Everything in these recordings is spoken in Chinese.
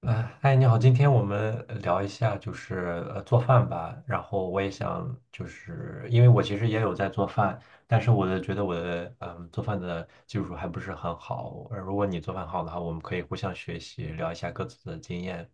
嗨，你好，今天我们聊一下就是做饭吧。然后我也想就是因为我其实也有在做饭，但是觉得我的做饭的技术还不是很好。如果你做饭好的话，我们可以互相学习，聊一下各自的经验。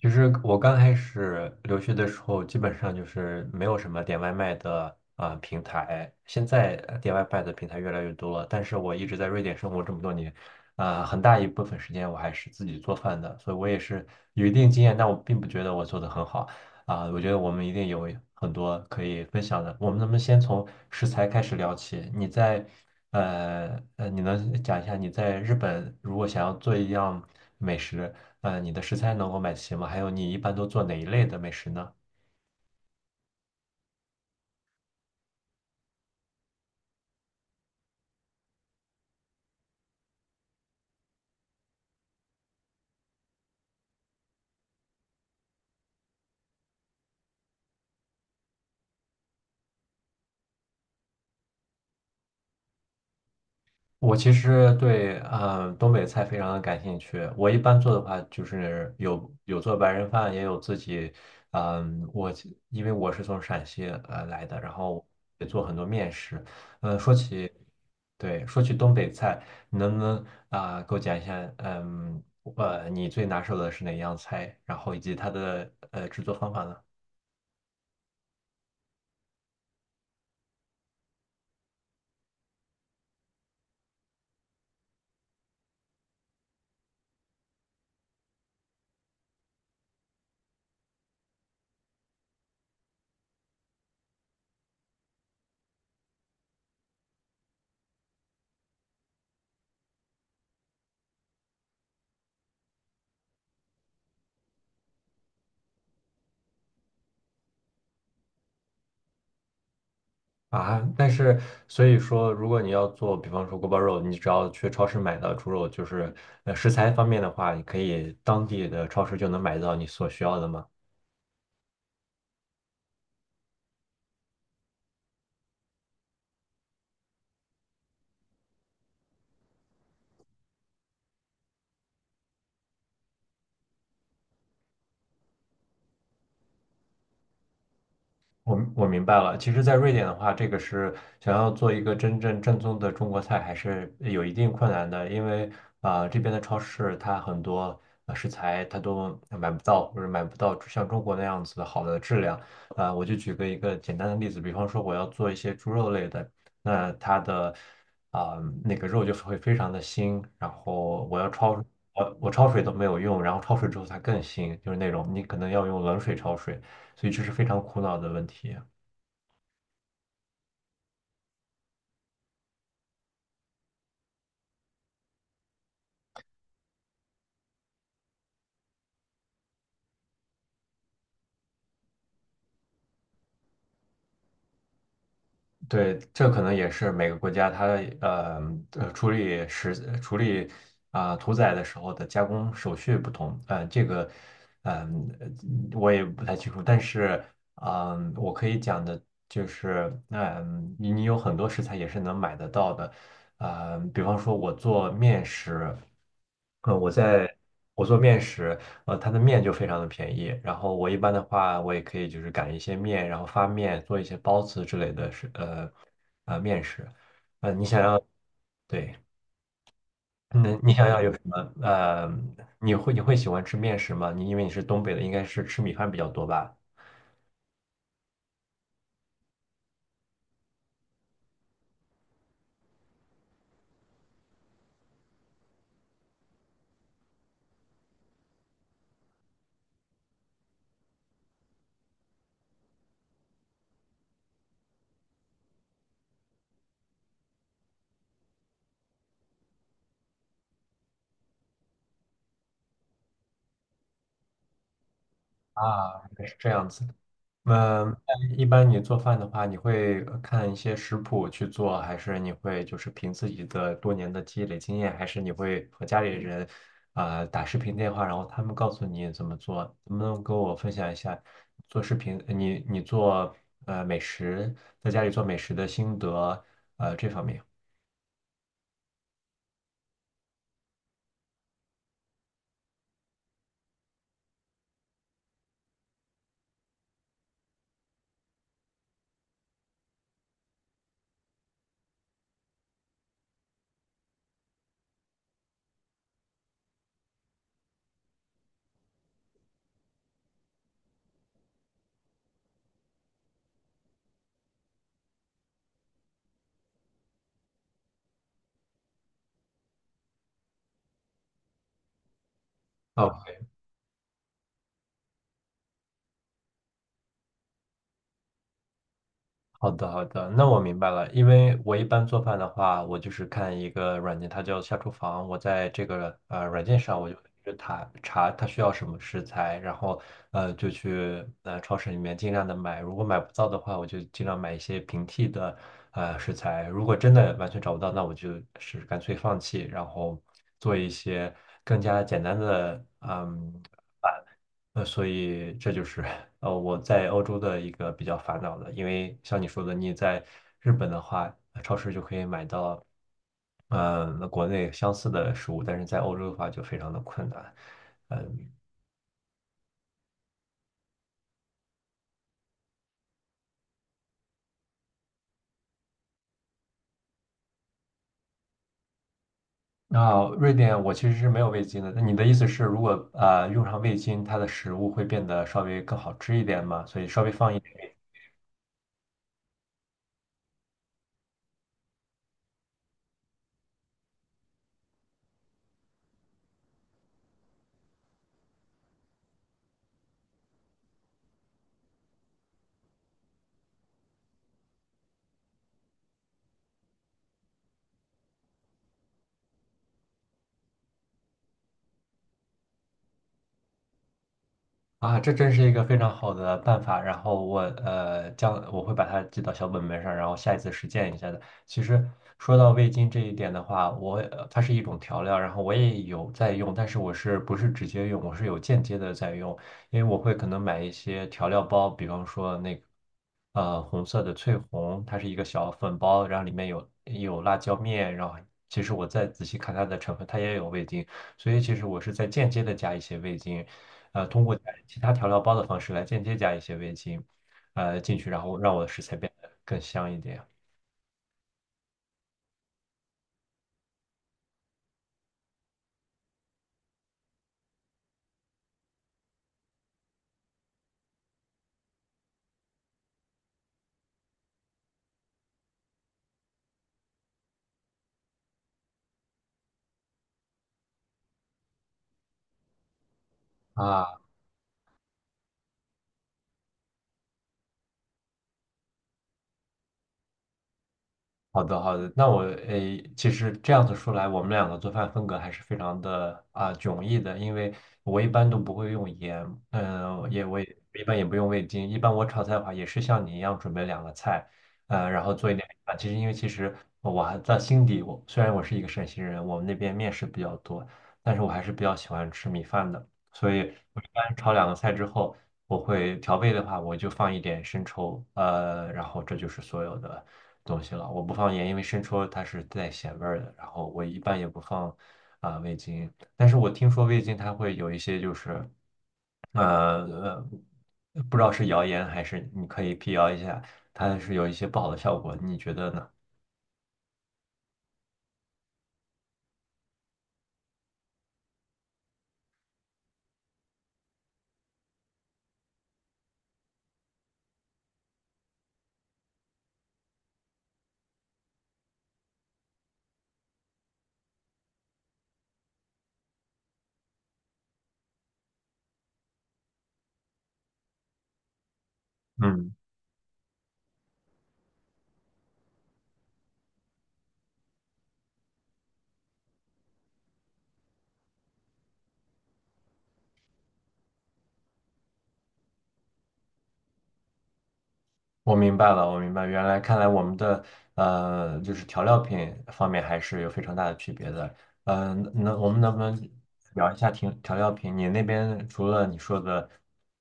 其实我刚开始留学的时候，基本上就是没有什么点外卖的平台。现在点外卖的平台越来越多了，但是我一直在瑞典生活这么多年，很大一部分时间我还是自己做饭的，所以我也是有一定经验，但我并不觉得我做的很好。我觉得我们一定有很多可以分享的。我们能不能先从食材开始聊起？你能讲一下你在日本如果想要做一样美食？你的食材能够买齐吗？还有你一般都做哪一类的美食呢？我其实对，东北菜非常的感兴趣。我一般做的话，就是有做白人饭，也有自己，嗯，我因为我是从陕西来的，然后也做很多面食。对，说起东北菜，你能不能给我讲一下，你最拿手的是哪样菜，然后以及它的制作方法呢？啊，但是所以说，如果你要做，比方说锅包肉，你只要去超市买到猪肉，就是食材方面的话，你可以当地的超市就能买到你所需要的吗？我明白了，其实，在瑞典的话，这个是想要做一个真正正宗的中国菜，还是有一定困难的，因为这边的超市它很多食材它都买不到，或者买不到像中国那样子好的质量。我就举个一个简单的例子，比方说我要做一些猪肉类的，那它的啊、那个肉就是会非常的腥，然后我要焯，我焯水都没有用，然后焯水之后它更腥，就是那种你可能要用冷水焯水。所以这是非常苦恼的问题。对，这可能也是每个国家它呃呃处理食处理啊、屠宰的时候的加工手续不同，这个嗯、呃我也不太清楚，但是我可以讲的就是，你有很多食材也是能买得到的，比方说我做面食，嗯，我在我做面食，它的面就非常的便宜。然后我一般的话，我也可以就是擀一些面，然后发面，做一些包子之类的面食。呃，你想要对，那你想要有什么？呃，你会喜欢吃面食吗？你因为你是东北的，应该是吃米饭比较多吧？啊，应该是这样子。那一般你做饭的话，你会看一些食谱去做，还是你会就是凭自己的多年的积累经验，还是你会和家里人打视频电话，然后他们告诉你怎么做？能不能跟我分享一下做视频，呃你做美食，在家里做美食的心得，这方面？好的，好的，那我明白了。因为我一般做饭的话，我就是看一个软件，它叫下厨房。我在这个软件上，我就去查查它需要什么食材，然后就去超市里面尽量的买。如果买不到的话，我就尽量买一些平替的食材。如果真的完全找不到，那我就是干脆放弃，然后做一些更加简单的。所以这就是我在欧洲的一个比较烦恼的，因为像你说的，你在日本的话，超市就可以买到，那国内相似的食物，但是在欧洲的话就非常的困难。嗯，那瑞典我其实是没有味精的。那你的意思是，如果用上味精，它的食物会变得稍微更好吃一点吗？所以稍微放一。这真是一个非常好的办法。然后我会把它记到小本本上，然后下一次实践一下的。其实说到味精这一点的话，它是一种调料，然后我也有在用，但是我是不是直接用，我是有间接的在用，因为我会可能买一些调料包，比方说那个红色的翠红，它是一个小粉包，然后里面有辣椒面，然后其实我再仔细看它的成分，它也有味精。所以其实我是在间接的加一些味精，通过加其他调料包的方式来间接加一些味精，进去，然后让我的食材变得更香一点。啊。好的，好的。那我诶，其实这样子说来，我们两个做饭风格还是非常的迥异的，因为我一般都不会用盐，我也一般也不用味精，一般我炒菜的话也是像你一样准备两个菜，然后做一点啊。其实我还在心底，我虽然我是一个陕西人，我们那边面食比较多，但是我还是比较喜欢吃米饭的，所以我一般炒两个菜之后，我会调味的话，我就放一点生抽，然后这就是所有的东西了。我不放盐，因为生抽它是带咸味儿的。然后我一般也不放味精，但是我听说味精它会有一些呃呃，不知道是谣言还是你可以辟谣一下，它是有一些不好的效果，你觉得呢？嗯。我明白了，我明白，原来看来我们的就是调料品方面还是有非常大的区别的。那我们能不能聊一下调料品？你那边除了你说的，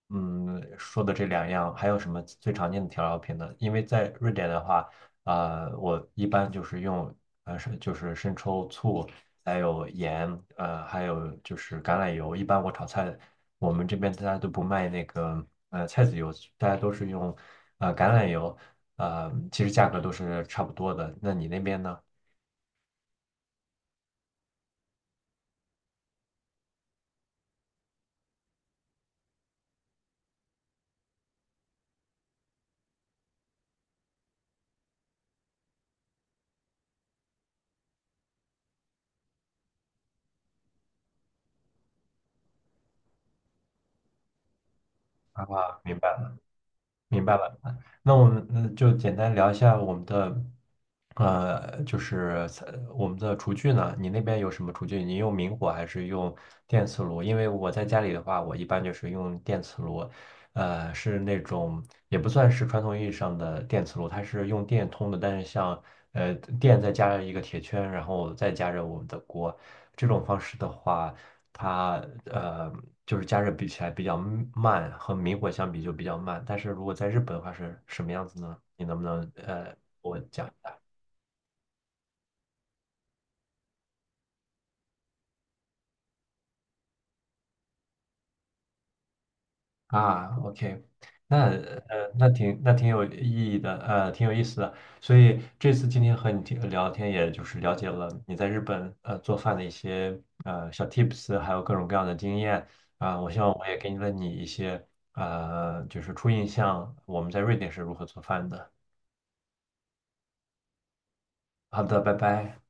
说的这两样，还有什么最常见的调料品呢？因为在瑞典的话，我一般就是用就是生抽、醋，还有盐，还有就是橄榄油。一般我炒菜，我们这边大家都不卖那个菜籽油，大家都是用橄榄油，其实价格都是差不多的。那你那边呢？啊，明白了，明白了。那我们就简单聊一下我们的，就是我们的厨具呢，你那边有什么厨具？你用明火还是用电磁炉？因为我在家里的话，我一般就是用电磁炉，是那种也不算是传统意义上的电磁炉，它是用电通的，但是像呃电再加上一个铁圈，然后再加热我们的锅，这种方式的话。它呃就是加热比起来比较慢，和明火相比就比较慢。但是如果在日本的话是什么样子呢？你能不能给我讲一下OK，那挺有意义的，挺有意思的。所以这次今天和你听聊天，也就是了解了你在日本做饭的一些小 tips，还有各种各样的经验。我希望我也给了你一些初印象，我们在瑞典是如何做饭的。好的，拜拜。